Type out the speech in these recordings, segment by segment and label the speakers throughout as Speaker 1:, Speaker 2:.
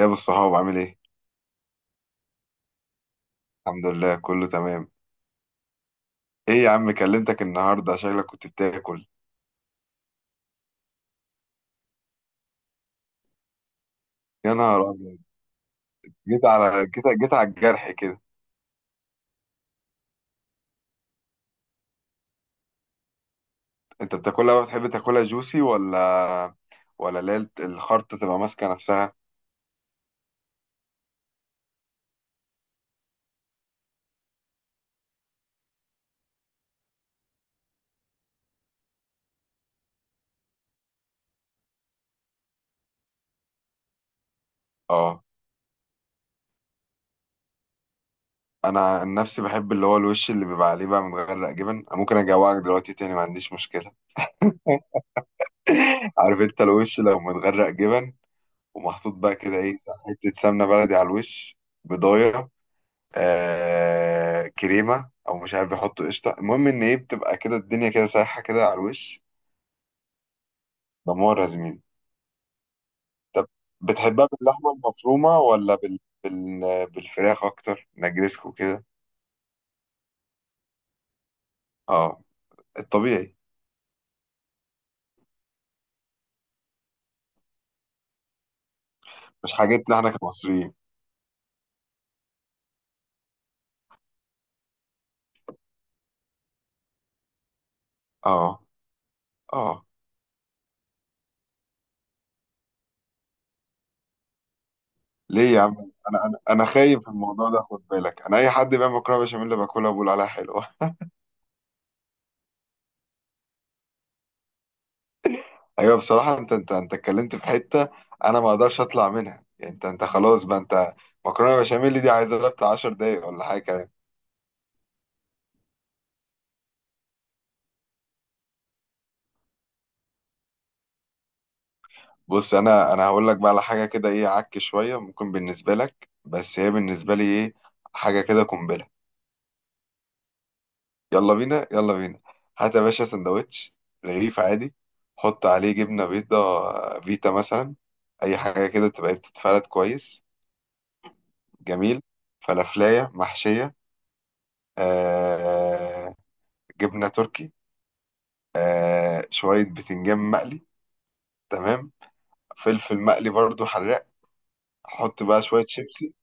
Speaker 1: يا ابو الصحاب عامل ايه. الحمد لله كله تمام. ايه يا عم كلمتك النهارده شكلك كنت بتاكل. يا نهار ابيض، جيت على جيت على الجرح كده. انت بتاكلها بقى، بتحب تاكلها جوسي ولا ولا اللي هي الخرطه تبقى ماسكه نفسها؟ اه، انا عن نفسي بحب اللي هو الوش اللي بيبقى عليه بقى متغرق جبن. أنا ممكن اجوعك دلوقتي تاني، ما عنديش مشكله. عارف انت الوش لو متغرق جبن ومحطوط بقى كده، ايه، حته سمنه بلدي على الوش، بضايه، كريمه او مش عارف بيحطوا قشطه، المهم ان ايه، بتبقى كده الدنيا كده سايحه كده على الوش. دمار يا زميلي. طب بتحبها باللحمه المفرومه ولا بالفراخ اكتر، نجرسكو كده. اه، الطبيعي. مش حاجتنا احنا كمصريين. اه. اه ليه يا عم؟ انا خايف من الموضوع ده، خد بالك، انا اي حد بيعمل مكرونه بشاميل باكلها بقول عليها حلوه. ايوه بصراحه، انت اتكلمت في حته انا ما اقدرش اطلع منها. يعني انت خلاص بقى، انت مكرونه بشاميل دي عايزه لها بتاع 10 دقايق ولا حاجه كمان. بص، انا هقول لك بقى على حاجه كده، ايه، عك شويه ممكن بالنسبه لك، بس هي بالنسبه لي ايه، حاجه كده قنبله. يلا بينا يلا بينا، هات يا باشا سندوتش، رغيف عادي، حط عليه جبنه بيضه فيتا مثلا، اي حاجه كده تبقى إيه، بتتفرد كويس، جميل، فلافلايه محشيه، آه، جبنه تركي، آه شوية بتنجان مقلي، تمام، فلفل مقلي برضو حراق، حط بقى شوية شيبسي.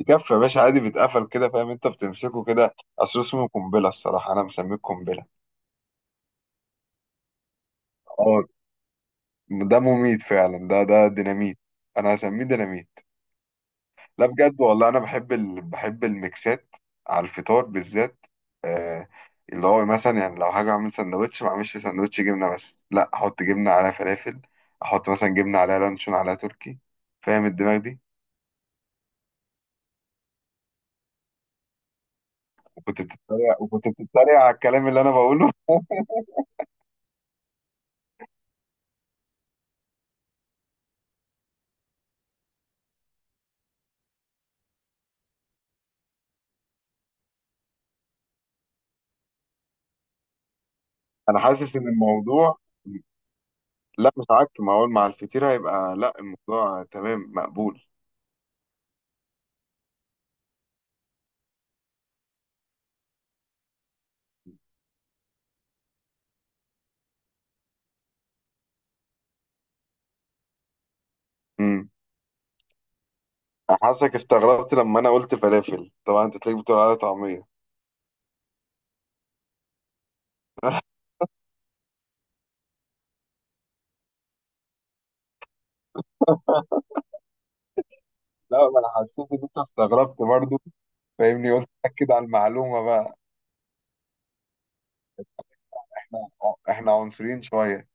Speaker 1: يكفي يا باشا، عادي بيتقفل كده، فاهم؟ انت بتمسكه كده، اصل اسمه قنبلة، الصراحة انا مسميه قنبلة. اه، ده مميت فعلا، ده ده ديناميت، انا هسميه ديناميت. لا بجد والله، انا بحب بحب الميكسات على الفطار بالذات. آه، اللي هو مثلا يعني لو هاجي اعمل سندوتش، ما اعملش سندوتش جبنة بس، لا، احط جبنة على فلافل، احط مثلا جبنة على لانشون على تركي. فاهم الدماغ دي؟ كنت بتتريق، وكنت بتتريق على الكلام اللي انا بقوله. انا حاسس ان الموضوع، لا مش عك، ما اقول مع الفطير هيبقى، لا الموضوع تمام، مقبول. امم، حاسسك استغربت لما انا قلت فلافل، طبعا انت تلاقيك بتقول عليها طعميه. لا ما انا حسيت ان انت استغربت برضو، فاهمني؟ قلت اكد على المعلومه بقى. احنا، احنا عنصريين شويه.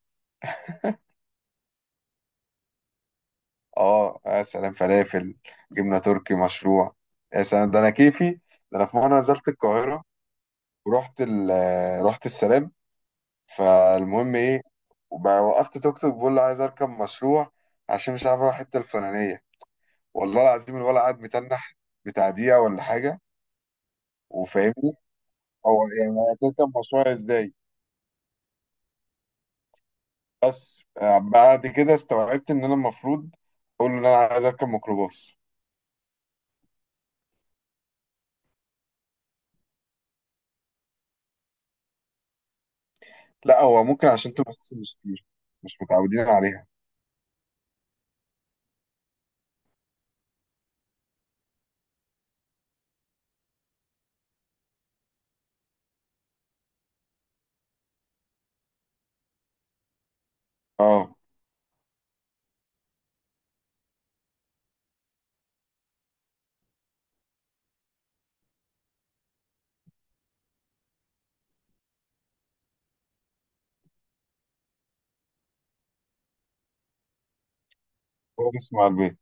Speaker 1: اه يا سلام، فلافل، جبنه تركي، مشروع، يا سلام ده انا كيفي. ده انا في مره نزلت القاهره، ورحت رحت السلام. فالمهم ايه، وبقى وقفت توك توك، بقول له عايز اركب مشروع عشان مش عارف اروح الحته الفلانيه. والله العظيم الولد قعد متنح بتاع دقيقه ولا حاجه. وفاهمني، هو يعني هتركب مشروع ازاي؟ بس بعد كده استوعبت ان انا المفروض اقول له ان انا عايز اركب ميكروباص. لا هو ممكن عشان انتوا بس مش مش متعودين عليها. اه. هو بس مع البيض؟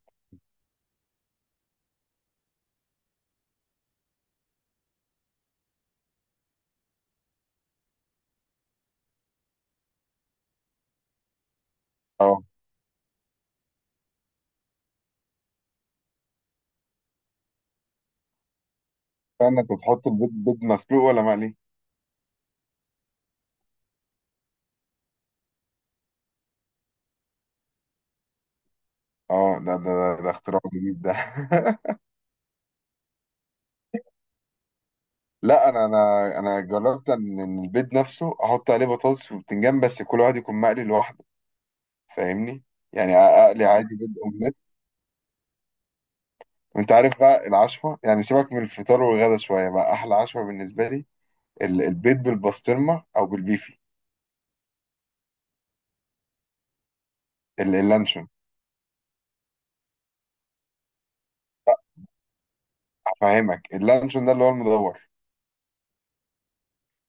Speaker 1: اه، استنى، انت تحط البيض بيض مسلوق ولا مقلي؟ اه ده ده ده, ده اختراع جديد ده. لا انا جربت ان إن البيض نفسه احط عليه بطاطس وبتنجان، بس كل واحد يكون مقلي لوحده. فاهمني؟ يعني اقلي عادي بيض اومليت. وانت عارف بقى العشوه، يعني سيبك من الفطار والغدا شويه، بقى احلى عشوه بالنسبه لي البيض بالبسطرمه او بالبيفي. اللانشون. هفهمك، اللانشون ده اللي هو المدور،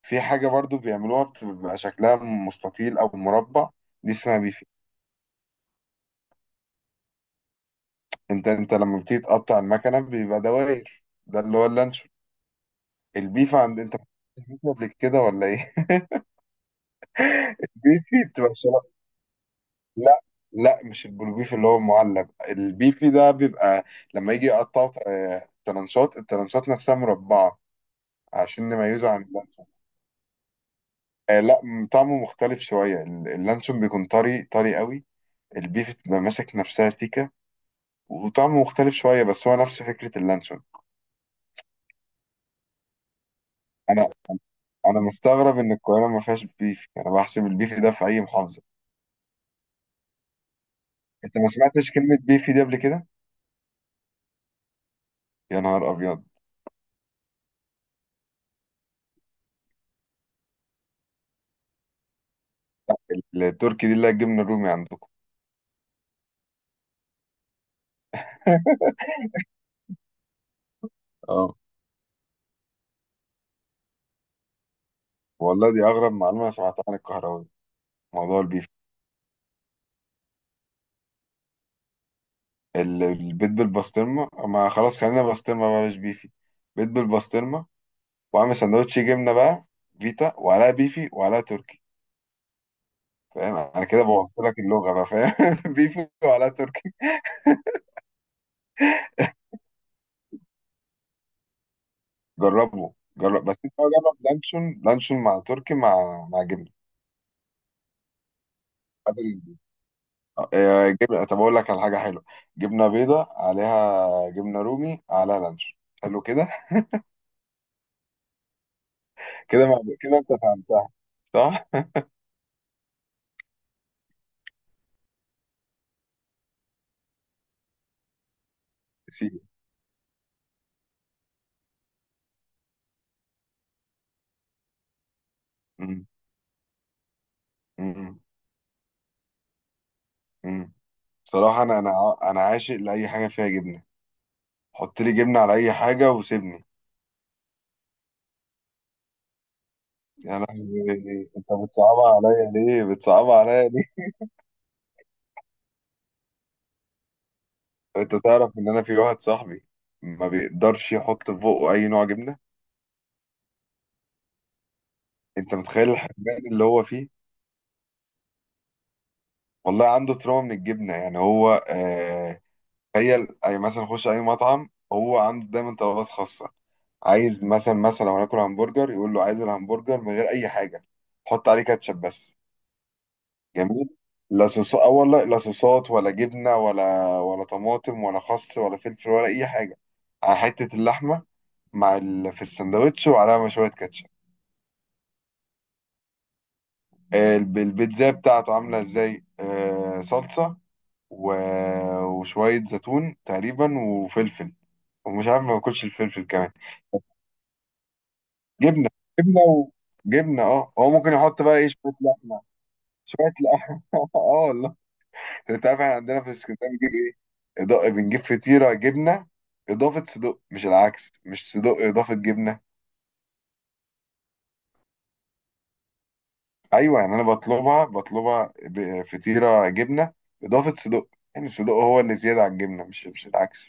Speaker 1: في حاجه برضو بيعملوها بتبقى شكلها مستطيل او مربع، دي اسمها بيفي. انت لما بتيجي تقطع المكنه بيبقى دواير، ده اللي هو اللانشون. البيف عند انت، بتاكل قبل كده ولا ايه؟ البيفي بتبقى الشرا- لا، لا مش البلوبيف اللي هو المعلب، البيفي ده بيبقى لما يجي يقطعوا ترانشات، الترانشات نفسها مربعة، عشان نميزه عن اللانشون. آه لا، طعمه مختلف شوية، اللانشون بيكون طري، طري قوي، البيف بتبقى ماسك نفسها سيكة، وطعمه مختلف شوية، بس هو نفس فكرة اللانشون. أنا، أنا مستغرب إن القاهرة ما فيهاش بيف. أنا بحسب البيف ده في أي محافظة. أنت ما سمعتش كلمة بيفي دي قبل كده؟ يا نهار أبيض. التركي دي اللي هي الجبنة الرومي عندكم. اه. والله دي أغرب معلومة أنا سمعتها عن الكهراوي، موضوع البيف. البيض بالبسطرمة، ما خلاص خلينا بسطرمة، بلاش بيفي. بيض بالبسطرمة، وعامل سندوتش جبنة بقى، فيتا وعليها بيفي وعليها تركي. فاهم؟ أنا كده بوظت لك اللغة بقى، فاهم؟ بيفي وعليها تركي. جربه، جرب. بس أنت بقى جرب لانشون، مع تركي، مع جبنة. آه، جبنة. طب أقول لك على حاجة حلوة، جبنة بيضة عليها جبنة رومي على لانش، حلو كده. كده مع... كده أنت فهمتها، صح؟ سيدي. أمم، أمم، أمم. بصراحة أنا، أنا عاشق لأي حاجة فيها جبنة. حط لي جبنة على أي حاجة وسيبني. يا لهوي، أنت بتصعبها عليا ليه؟ بتصعبها عليا ليه؟ أنت تعرف إن أنا في واحد صاحبي ما بيقدرش يحط في بقه أي نوع جبنة؟ أنت متخيل الحرمان اللي هو فيه؟ والله عنده تروما من الجبنة، يعني هو آه. تخيل اي، مثلا خش اي مطعم، هو عنده دايما طلبات خاصه، عايز مثلا، مثلا لو هناكل همبرجر يقول له عايز الهمبرجر من غير اي حاجه، حط عليه كاتشب بس. جميل. لا صوصات، اه والله، لا صوصات ولا جبنه ولا طماطم ولا خس ولا فلفل ولا اي حاجه، على حته اللحمه مع في السندوتش، وعليها مشويه كاتشب. آه، البيتزا بتاعته عامله ازاي، آه، صلصه، و... وشويه زيتون تقريبا وفلفل، ومش عارف، ما باكلش الفلفل كمان. جبنه، جبنه، وجبنه. اه هو ممكن يحط بقى ايه شويه لحمه، شويه لحمه. اه والله. انت عارف احنا عندنا في اسكندريه بنجيب ايه، إضاءة، بنجيب فطيره جبنه اضافه صدق، مش العكس، مش صدق اضافه جبنه. ايوه يعني انا بطلبها، فطيره جبنه اضافه صدق، يعني الصدق هو اللي زياده عن الجبنه، مش العكس.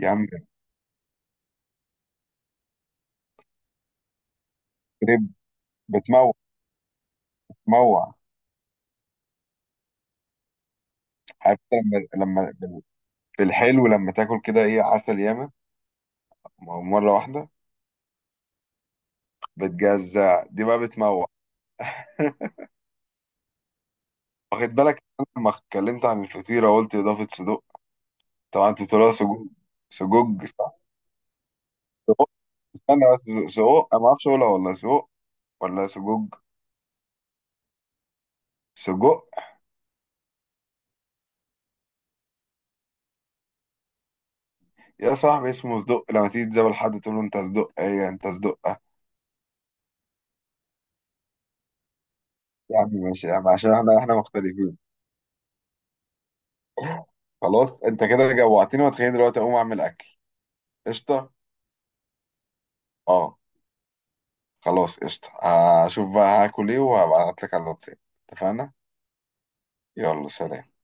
Speaker 1: يا عم، كريب، بتموع، بتموع. عارف لما، لما في الحلو لما تاكل كده، ايه، عسل ياما مره واحده، بتجزع، دي بقى بتموع. واخد بالك إن أنا لما اتكلمت عن الفطيرة قلت إضافة صدق؟ طبعا أنت بتقولها سجوج. سجوج صح؟ سجق. استنى بس، سجق أنا ما أعرفش أقولها ولا سجق ولا سجوج. سجق. يا صاحبي اسمه صدق، لما تيجي تزابل حد تقول له أنت صدق إيه، يعني أنت صدق. يا عم ماشي يا عم، عشان إحنا، إحنا مختلفين. خلاص أنت كده جوعتني، وتخيل دلوقتي أقوم أعمل أكل. قشطة. أه، خلاص قشطة، هشوف بقى هاكل إيه وهبعتلك على الواتساب. اتفقنا؟ يلا سلام.